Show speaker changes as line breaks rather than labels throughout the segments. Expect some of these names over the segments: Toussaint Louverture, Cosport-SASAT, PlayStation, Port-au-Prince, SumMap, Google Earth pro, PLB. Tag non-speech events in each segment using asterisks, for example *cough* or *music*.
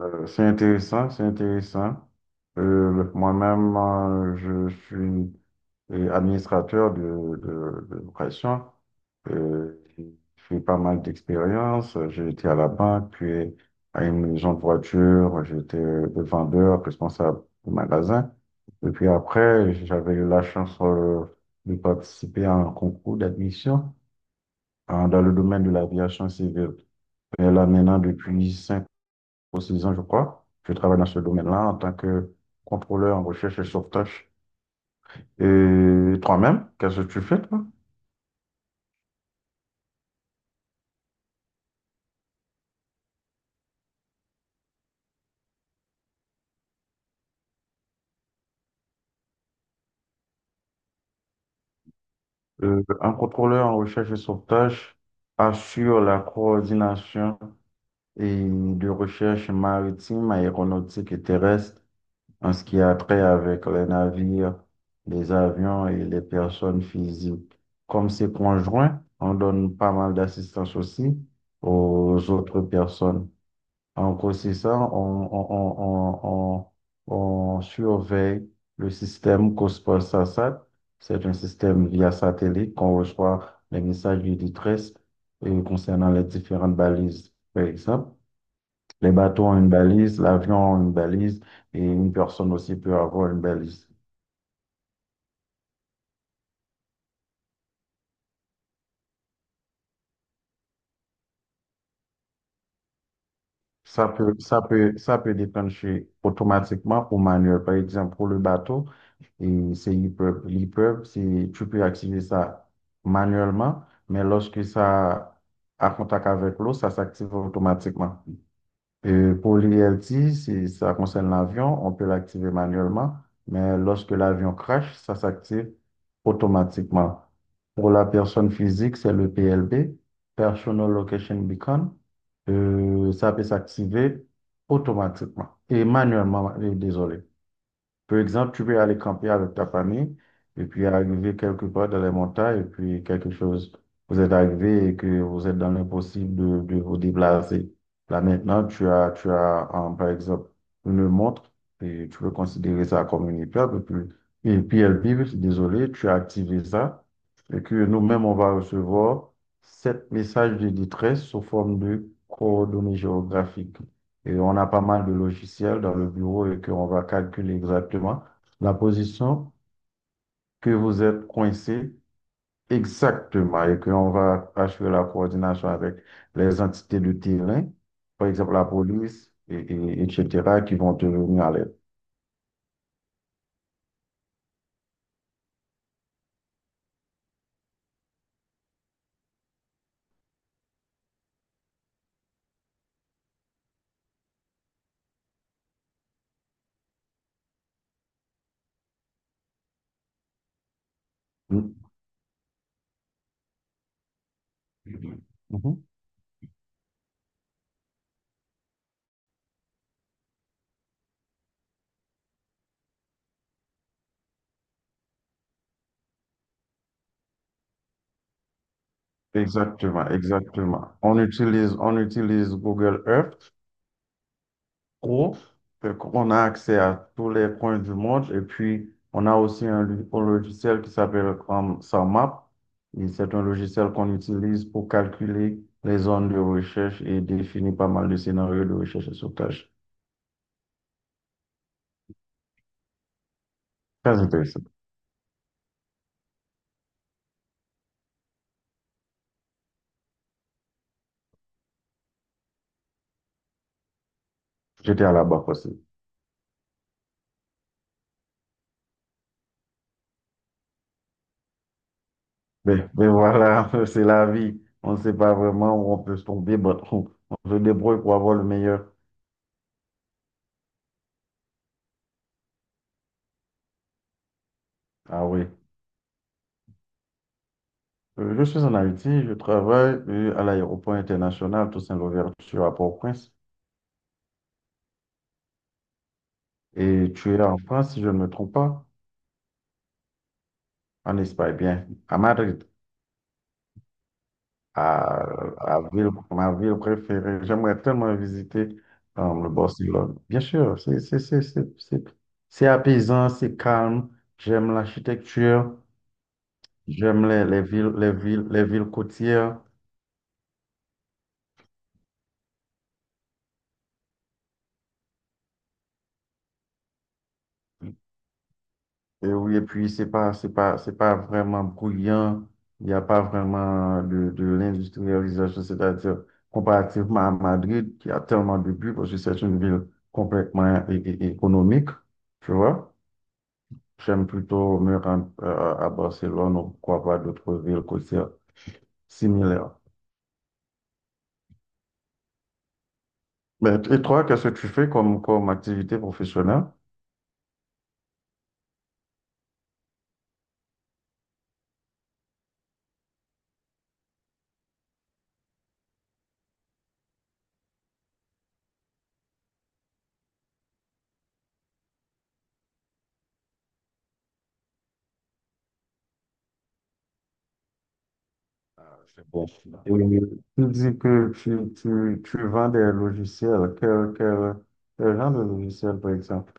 C'est intéressant, c'est intéressant. Moi-même, je suis administrateur de location. J'ai fait pas mal d'expériences. J'ai été à la banque, puis à une maison de voiture. J'étais le vendeur, responsable du magasin. Et puis après, j'avais eu la chance de participer à un concours d'admission dans le domaine de l'aviation civile. Et là, maintenant, depuis 5 pour 6 ans, je crois. Je travaille dans ce domaine-là en tant que contrôleur en recherche et sauvetage. Et toi-même, qu'est-ce que tu fais, toi? Un contrôleur en recherche et sauvetage assure la coordination et de recherche maritime, aéronautique et terrestre en ce qui a trait avec les navires, les avions et les personnes physiques. Comme c'est conjoint, on donne pas mal d'assistance aussi aux autres personnes. En grossissant, on, on surveille le système Cosport-SASAT. C'est un système via satellite qu'on reçoit les messages du détresse concernant les différentes balises, par exemple. Les bateaux ont une balise, l'avion a une balise et une personne aussi peut avoir une balise. Ça peut déclencher automatiquement ou manuel. Par exemple, pour le bateau, et c'est l'EPUB. L'EPUB, c'est, tu peux activer ça manuellement, mais lorsque ça a contact avec l'eau, ça s'active automatiquement. Et pour l'ILT, si ça concerne l'avion, on peut l'activer manuellement, mais lorsque l'avion crash, ça s'active automatiquement. Pour la personne physique, c'est le PLB, Personal Location Beacon. Ça peut s'activer automatiquement et manuellement, désolé. Par exemple, tu peux aller camper avec ta famille et puis arriver quelque part dans les montagnes et puis quelque chose, vous êtes arrivé et que vous êtes dans l'impossible de vous déplacer. Là maintenant, tu as par exemple une montre et tu peux considérer ça comme une épreuve et puis elle vibre, désolé, tu as activé ça et que nous-mêmes, on va recevoir sept messages de détresse sous forme de coordonnées géographiques et on a pas mal de logiciels dans le bureau et qu'on va calculer exactement la position que vous êtes coincé exactement et qu'on va assurer la coordination avec les entités de terrain, par exemple la police, etc., qui vont te venir à l'aide. Mhm. Mhm. Exactement, exactement. On utilise Google Earth pro. Fait qu'on a accès à tous les coins du monde. Et puis, on a aussi un logiciel qui s'appelle SumMap. Et c'est un logiciel qu'on utilise pour calculer les zones de recherche et définir pas mal de scénarios de recherche et sauvetage. Très intéressant. J'étais à la barre aussi. Mais voilà, *laughs* c'est la vie. On ne sait pas vraiment où on peut se tomber, mais on se débrouille pour avoir le meilleur. Ah oui. Je suis en Haïti, je travaille à l'aéroport international Toussaint Louverture à Port-au-Prince. Et tu es en France, si je ne me trompe pas, en Espagne, bien, à Madrid, à, à ville, ma ville préférée. J'aimerais tellement visiter le Barcelone. Bien sûr, c'est apaisant, c'est calme. J'aime l'architecture, j'aime les villes côtières. Et oui, et puis c'est pas vraiment brillant. Il n'y a pas vraiment de l'industrialisation, c'est-à-dire comparativement à Madrid, qui a tellement de buts, parce que c'est une ville complètement économique, tu vois. J'aime plutôt me rendre à Barcelone ou pourquoi pas d'autres villes côtières similaires. Mais, et toi, qu'est-ce que tu fais comme activité professionnelle? Bon. Et oui, tu dis que tu vends des logiciels. Quel genre de logiciel, par exemple?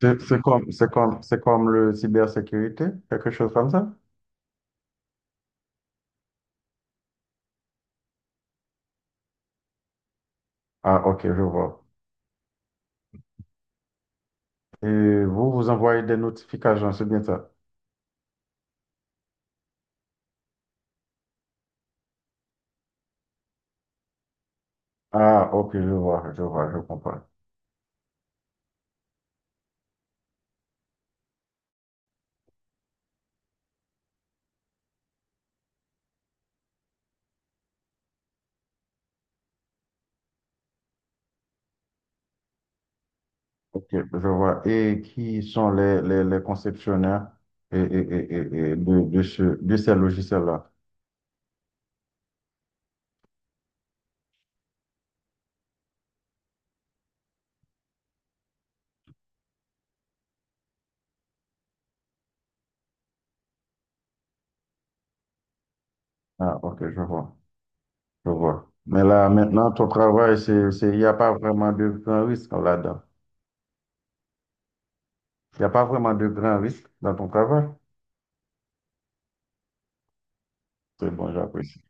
C'est comme le cybersécurité, quelque chose comme ça? Ah, ok, je vois. Et vous, vous envoyez des notifications, c'est bien ça? Ah, ok, je vois, je vois, je comprends. Ok, je vois. Et qui sont les conceptionnaires et, et, et, et de ces logiciels-là? Ah, ok, je vois. Je vois. Mais là, maintenant, ton travail, il n'y a pas vraiment de grand risque là-dedans. Il n'y a pas vraiment de grand risque dans ton travail. C'est bon, j'apprécie.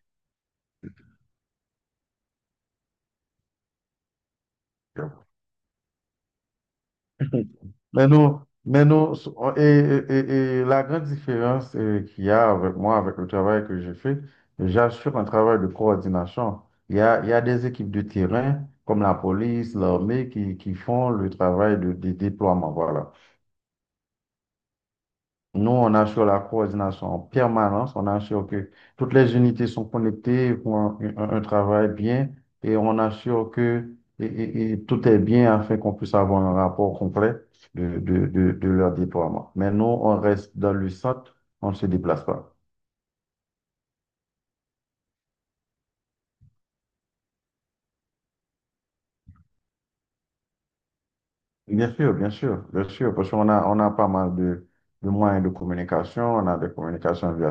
*laughs* Mais nous, et la grande différence qu'il y a avec moi, avec le travail que je fais, j'assure un travail de coordination. Il y a des équipes de terrain, comme la police, l'armée, qui font le travail de déploiement. Voilà. Nous, on assure la coordination en permanence, on assure que toutes les unités sont connectées pour un travail bien et on assure que tout est bien afin qu'on puisse avoir un rapport complet de leur déploiement. Mais nous, on reste dans le centre, on ne se déplace pas. Bien sûr, bien sûr, bien sûr, parce qu'on a pas mal de moyens de communication, on a des communications via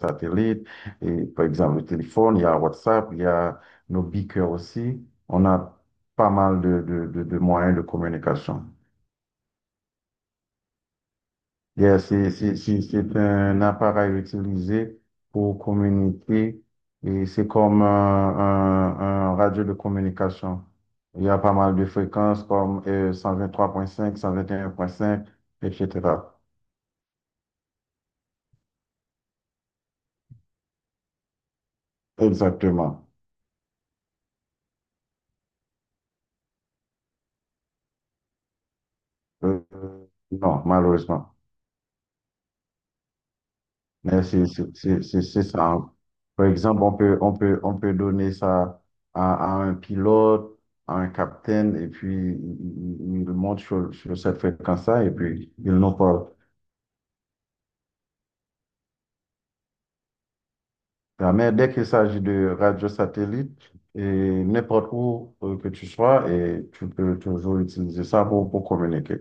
satellite, et par exemple le téléphone, il y a WhatsApp, il y a nos beacons aussi. On a pas mal de moyens de communication. Yeah, c'est un appareil utilisé pour communiquer et c'est comme un radio de communication. Il y a pas mal de fréquences comme 123,5, 121,5, etc. Exactement. Euh, non, malheureusement. Mais c'est ça, hein. Par exemple, on peut donner ça à, à un pilote, à un capitaine, et puis il monte sur cette fréquence-là, et puis il nous parle. Ah, mais dès qu'il s'agit de radio satellite, et n'importe où que tu sois, et tu peux toujours utiliser ça pour communiquer.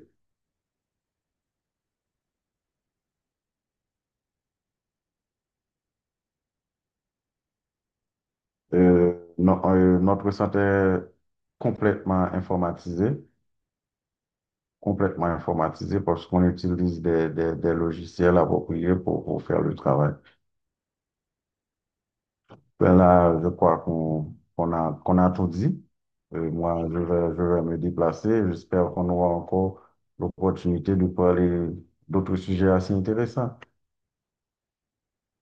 Notre centre est complètement informatisé. Complètement informatisé parce qu'on utilise des logiciels appropriés pour faire le travail. Ben là, je crois qu'on a tout dit. Moi, je vais me déplacer. J'espère qu'on aura encore l'opportunité de parler d'autres sujets assez intéressants.